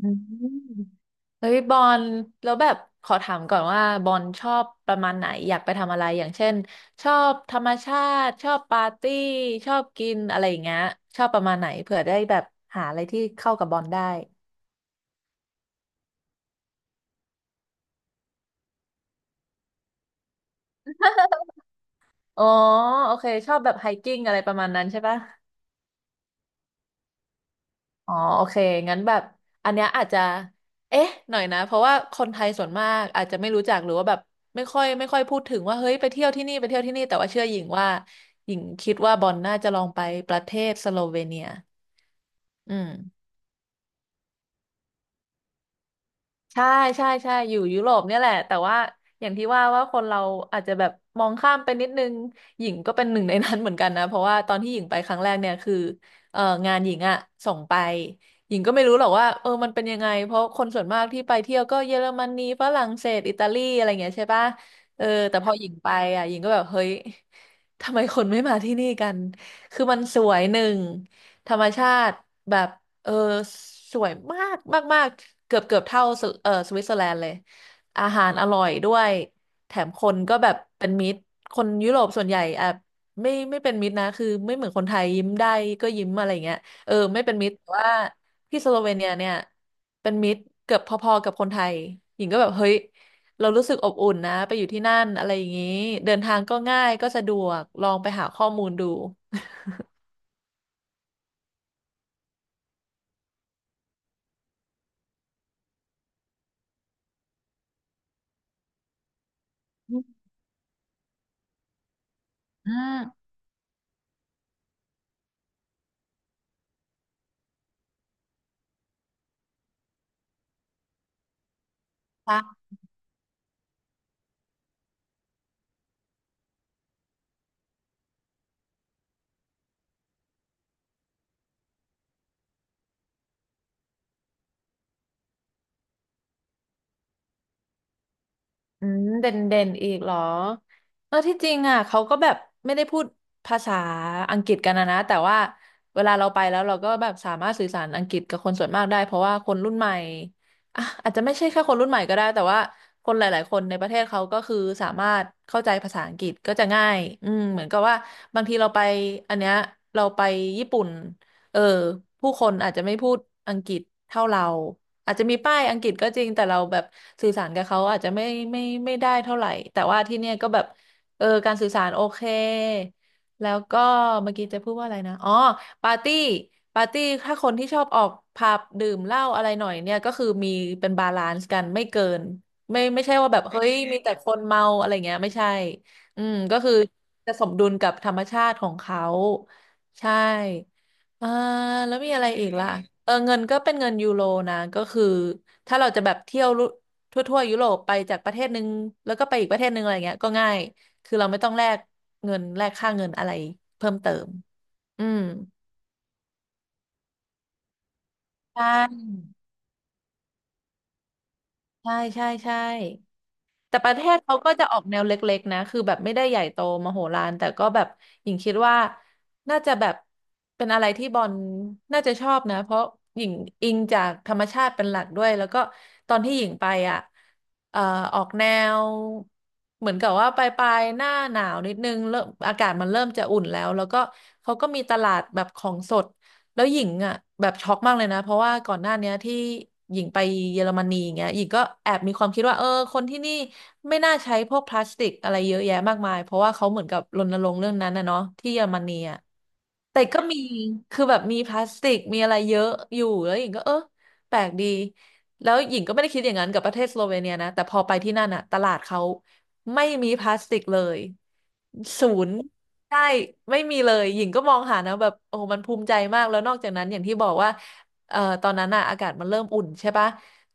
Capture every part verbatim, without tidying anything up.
อืมเฮ้ยบอลแล้วแบบขอถามก่อนว่าบอลชอบประมาณไหนอยากไปทำอะไรอย่างเช่นชอบธรรมชาติชอบปาร์ตี้ชอบกินอะไรอย่างเงี้ยชอบประมาณไหนเผื่อได้แบบหาอะไรที่เข้ากับบอลได้อ๋อโอเคชอบแบบไฮกิ้งอะไรประมาณนั้นใช่ปะ อ๋อโอเคงั้นแบบอันเนี้ยอาจจะเอ๊ะหน่อยนะเพราะว่าคนไทยส่วนมากอาจจะไม่รู้จักหรือว่าแบบไม่ค่อยไม่ค่อยพูดถึงว่าเฮ้ยไปเที่ยวที่นี่ไปเที่ยวที่นี่แต่ว่าเชื่อหญิงว่าหญิงคิดว่าบอลน่าจะลองไปประเทศสโลเวเนียอืม ใช่ใช่ใช่อยู่ยุโรปเนี่ยแหละแต่ว่าอย่างที่ว่าว่าคนเราอาจจะแบบมองข้ามไปนิดนึงหญิงก็เป็นหนึ่งในนั้นเหมือนกันนะเพราะว่าตอนที่หญิงไปครั้งแรกเนี่ยคือเอองานหญิงอะส่งไปหญิงก็ไม่รู้หรอกว่าเออมันเป็นยังไงเพราะคนส่วนมากที่ไปเที่ยวก็เยอรมนีฝรั่งเศสอิตาลีอะไรเงี้ยใช่ปะเออแต่พอหญิงไปอะหญิงก็แบบเฮ้ยทำไมคนไม่มาที่นี่กันคือมันสวยหนึ่งธรรมชาติแบบ เออสวยมากมากมากเกือบเกือบเท่าสวิเออสวิตเซอร์แลนด์เลยอาหารอร่อยด้วยแถมคนก็แบบเป็นมิตรคนยุโรปส่วนใหญ่อ่ะไม่ไม่เป็นมิตรนะคือไม่เหมือนคนไทยยิ้มได้ก็ยิ้มอะไรเงี้ยเออไม่เป็นมิตรแต่ว่าที่สโลเวเนียเนี่ยเป็นมิตรเกือบพอๆกับคนไทยหญิงก็แบบเฮ้ยเรารู้สึกอบอุ่นนะไปอยู่ที่นั่นอะไรอย่างนี้เดินทางก็ง่ายก็สะดวกลองไปหาข้อมูลดูอืมใช่ อืมเด่นเด่นอีกเหรอเออที่จริงอ่ะเขาก็แบบไม่ได้พูดภาษาอังกฤษกันนะนะแต่ว่าเวลาเราไปแล้วเราก็แบบสามารถสื่อสารอังกฤษกับคนส่วนมากได้เพราะว่าคนรุ่นใหม่อ่ะอาจจะไม่ใช่แค่คนรุ่นใหม่ก็ได้แต่ว่าคนหลายๆคนในประเทศเขาก็คือสามารถเข้าใจภาษาอังกฤษก็จะง่ายอืมเหมือนกับว่าบางทีเราไปอันเนี้ยเราไปญี่ปุ่น เออผู้คนอาจจะไม่พูดอังกฤษเท่าเราอาจจะมีป้ายอังกฤษก็จริงแต่เราแบบสื่อสารกับเขาอาจจะไม่ไม่ไม่ได้เท่าไหร่แต่ว่าที่เนี่ยก็แบบเออการสื่อสารโอเคแล้วก็เมื่อกี้จะพูดว่าอะไรนะอ๋อปาร์ตี้ปาร์ตี้ถ้าคนที่ชอบออกผับดื่มเหล้าอะไรหน่อยเนี่ยก็คือมีเป็นบาลานซ์กันไม่เกินไม่ไม่ใช่ว่าแบบเฮ้ย มีแต่คนเมาอะไรเงี้ยไม่ใช่อืมก็คือจะสมดุลกับธรรมชาติของเขาใช่ อ่าแล้วมีอะไรอีกล่ะเออเงินก็เป็นเงินยูโรนะก็คือถ้าเราจะแบบเที่ยวลุทั่วทั่วยุโรปไปจากประเทศหนึ่งแล้วก็ไปอีกประเทศหนึ่งอะไรเงี้ยก็ง่ายคือเราไม่ต้องแลกเงินแลกค่าเงินอะไรเพิ่มเติมอืมใช่ใช่ใช่ใช่ แต่ประเทศเขาก็จะออกแนวเล็กๆนะคือแบบไม่ได้ใหญ่โตมโหฬารแต่ก็แบบหญิงคิดว่าน่าจะแบบเป็นอะไรที่บอลน่าจะชอบนะเพราะหญิงอิงจากธรรมชาติเป็นหลักด้วยแล้วก็ตอนที่หญิงไปอ่ะเอ่อออกแนวเหมือนกับว่าปลายๆหน้าหนาวนิดนึงเริ่มอากาศมันเริ่มจะอุ่นแล้วแล้วก็เขาก็มีตลาดแบบของสด แล้วหญิงอ่ะแบบช็อกมากเลยนะเพราะว่าก่อนหน้าเนี้ยที่หญิงไปเยอรมนีอย่างเงี้ยหญิงก็แอบมีความคิดว่าเออคนที่นี่ไม่น่าใช้พวกพลาสติกอะไรเยอะแยะมากมายเพราะว่าเขาเหมือนกับรณรงค์เรื่องนั้นนะเนาะที่เยอรมนีอ่ะ แต่ก็มีคือแบบมีพลาสติก มีอะไรเยอะอยู่แล้วหญิงก็เออ แปลกดีแล้วหญิงก็ไม่ได้คิดอย่างนั้นกับประเทศสโลเวเนียนะแต่พอไปที่นั่นอะตลาดเขาไม่มีพลาสติกเลยศูนย์ใช่ไม่มีเลยหญิงก็มองหานะแบบโอ้โหมันภูมิใจมาก แล้วนอกจากนั้นอย่างที่บอกว่าเอ่อตอนนั้นอะอากาศมันเริ่มอุ่นใช่ปะ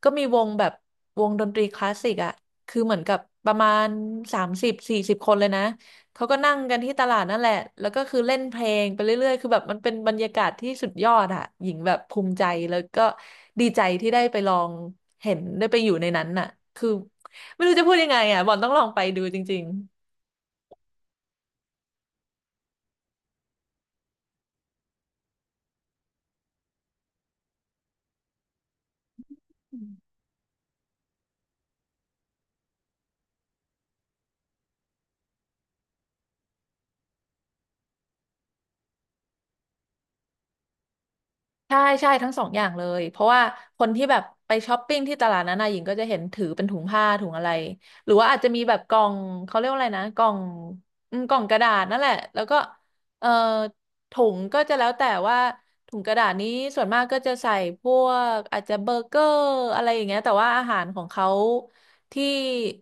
ก็มีวงแบบวงดนตรีคลาสสิกอะคือเหมือนกับประมาณสามสิบสี่สิบคนเลยนะ เขาก็นั่งกันที่ตลาดนั่นแหละ แล้วก็คือเล่นเพลงไปเรื่อยๆ คือแบบมันเป็นบรรยากาศที่สุดยอดอะหญิงแบบภูมิใจ แล้วก็ดีใจที่ได้ไปลองเห็นได้ไปอยู่ในนั้นน่ะคือไม่รู้จะพูดยังไงอะบอลต้องลองไปดูจริง ใช่ใช่ทั้งสองอย่างเลยเพราะว่าคนที่แบบไปช้อปปิ้งที่ตลาดนั้นนะหญิงก็จะเห็นถือเป็นถุงผ้าถุงอะไรหรือว่าอาจจะมีแบบกล่องเขาเรียกว่าอะไรนะกล่องอืมกล่องกระดาษนั่นแหละแล้วก็เอ่อถุงก็จะแล้วแต่ว่าถุงกระดาษนี้ส่วนมากก็จะใส่พวกอาจจะเบอร์เกอร์อะไรอย่างเงี้ยแต่ว่าอาหารของเขาที่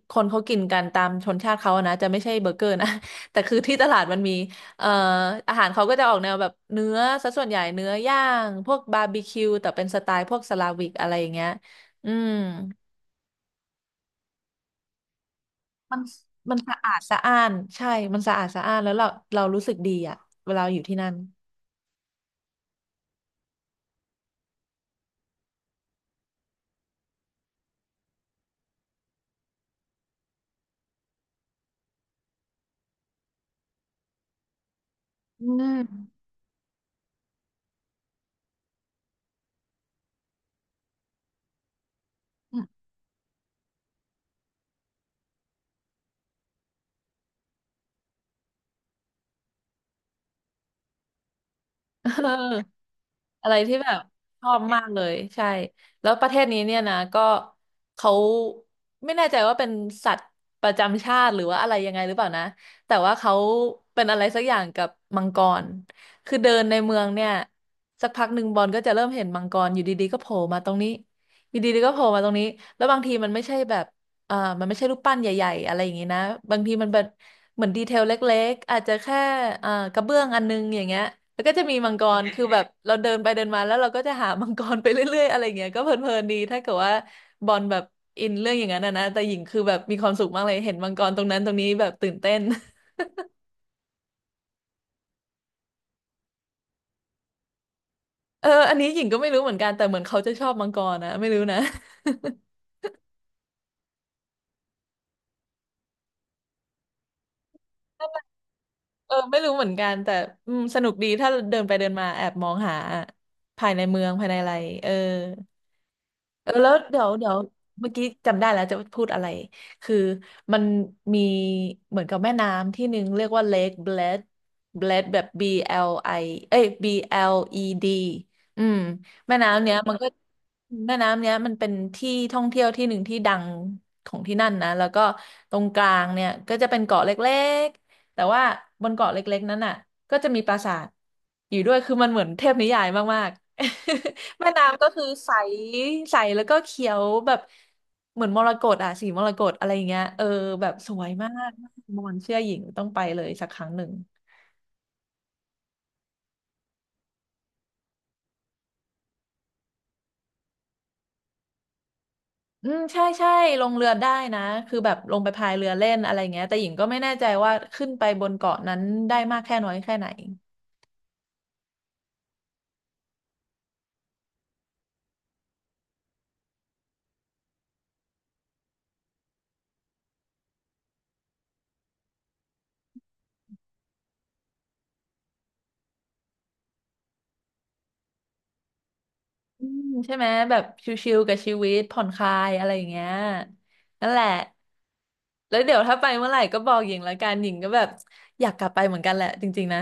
คนเขากินกันตามชนชาติเขาอะนะจะไม่ใช่เบอร์เกอร์นะ แต่คือที่ตลาดมันมี เอ่ออาหารเขาก็จะออกแนวแบบเนื้อซะส่วนใหญ่เนื้อย่างพวกบาร์บีคิวแต่เป็นสไตล์พวกสลาวิกอะไรอย่างเงี้ยอืมมันมันสะอาดสะอ้านใช่มันสะอาดสะอ้านแล้วเราเรารู้สึกดีอ่ะเวลาอยู่ที่นั่นอืม เออ อะไรที่แบบชอบมากเลยใช่แล้วประเทศนี้เนี่ยนะก็เขาไม่แน่ใจว่าเป็นสัตว์ประจำชาติหรือว่าอะไรยังไงหรือเปล่านะแต่ว่าเขาเป็นอะไรสักอย่างกับมังกรคือเดินในเมืองเนี่ยสักพักหนึ่งบอลก็จะเริ่มเห็นมังกรอยู่ดีๆก็โผล่มาตรงนี้อยู่ดีๆก็โผล่มาตรงนี้แล้วบางทีมันไม่ใช่แบบ เอ่อมันไม่ใช่รูปปั้นใหญ่ๆอะไรอย่างงี้นะบางทีมันแบบเหมือนดีเทลเล็กๆอาจจะแค่เอ่อกระเบื้องอันนึงอย่างเงี้ยแล้วก็จะมีมังกรคือแบบเราเดินไปเดินมาแล้วเราก็จะหามังกรไปเรื่อยๆอะไรอย่างเงี้ยก็เพลินๆดีถ้าเกิดว่าบอลแบบอินเรื่องอย่างนั้นนะนะแต่หญิงคือแบบมีความสุขมากเลยเห็นมังกรตรงนั้นตรงนี้แบบตื่นเต้น เอออันนี้หญิงก็ไม่รู้เหมือนกันแต่เหมือนเขาจะชอบมังกรนะไม่รู้นะ เออไม่รู้เหมือนกันแต่อืมสนุกดีถ้าเดินไปเดินมาแอบมองหาภายในเมืองภายในอะไรเออ เออแล้วเดี๋ยวเดี๋ยวเมื่อกี้จำได้แล้วจะพูดอะไร คือมันมีเหมือนกับแม่น้ำที่หนึ่งเรียกว่า Lake Bled Bled แบบ บี แอล ไอ เอ้ย บี แอล อี ดี อืมแม่น้ำเนี้ยมันก็แม่น้ำเนี้ยมันเป็นที่ท่องเที่ยวที่หนึ่งที่ดังของที่นั่นนะแล้วก็ตรงกลางเนี่ยก็จะเป็นเกาะเล็ก แต่ว่าบนเกาะเล็กๆนั้นน่ะก็จะมีปราสาทอยู่ด้วยคือมันเหมือนเทพนิยายมากๆ แม่น้ำก็คือใสใสแล้วก็เขียวแบบเหมือนมรกตอ่ะสีมรกตอะไรอย่างเงี้ยเออแบบสวยมากมอนเชื่อหญิงต้องไปเลยสักครั้งหนึ่งอืมใช่ใช่ลงเรือได้นะคือแบบลงไปพายเรือเล่นอะไรเงี้ยแต่หญิงก็ไม่แน่ใจว่าขึ้นไปบนเกาะนั้นได้มากแค่น้อยแค่ไหน อืมใช่ไหมแบบชิลๆกับชีวิตผ่อนคลายอะไรอย่างเงี้ยนั่นแหละแล้วเดี๋ยวถ้าไปเมื่อไหร่ก็บอกหญิงละกันหญิงก็แบบอยากกลับไปเหมือนกันแหละจริงๆนะ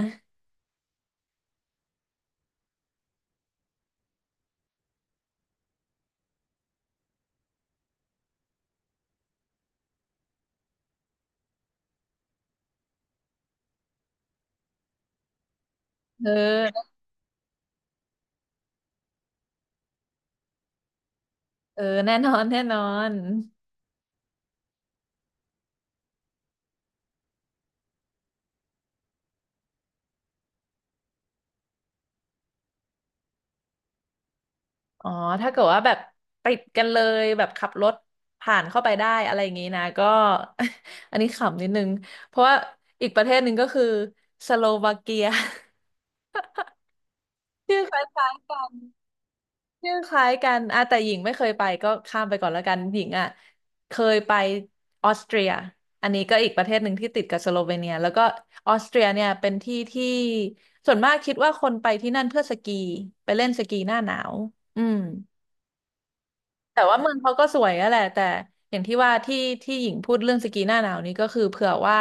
เออเออแน่นอนแน่นอนอ๋อถ้าเกิดว่าแบบติดกันเลยแบบขับรถผ่านเข้าไปได้อะไรอย่างงี้นะก็ อันนี้ขำนิดนึงเพราะว่าอีกประเทศหนึ่งก็คือสโลวาเกีย ชื่อคล้ายๆกัน ชื่อคล้ายกันอ่ะแต่หญิงไม่เคยไปก็ข้ามไปก่อนแล้วกันหญิงอ่ะเคยไปออสเตรียอันนี้ก็อีกประเทศหนึ่งที่ติดกับสโลเวเนียแล้วก็ออสเตรียเนี่ยเป็นที่ที่ส่วนมากคิดว่าคนไปที่นั่นเพื่อสกีไปเล่นสกีหน้าหนาวอืม แต่ว่าเมืองเขาก็สวยอะแหละแต่อย่างที่ว่าที่ที่หญิงพูดเรื่องสกีหน้าหนาวนี้ก็คือเผื่อว่า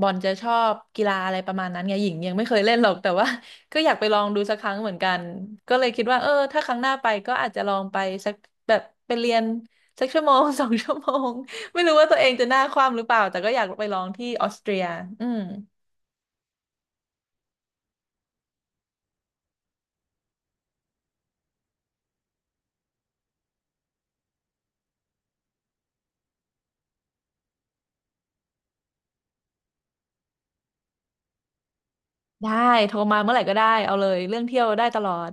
บอลจะชอบกีฬาอะไรประมาณนั้นไงหญิงยังไม่เคยเล่นหรอกแต่ว่า ก็อยากไปลองดูสักครั้งเหมือนกันก็เลยคิดว่าเออถ้าครั้งหน้าไปก็อาจจะลองไปสักแบบไปเรียนสักชั่วโมง สองชั่วโมงไม่รู้ว่าตัวเองจะหน้าคว่ำหรือเปล่าแต่ก็อยากไปลองที่ออสเตรียอืมได้โทรมาเมื่อไหร่ก็ได้เอาเลยเรื่องเที่ยวได้ตลอด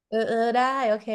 เออเออได้โอเค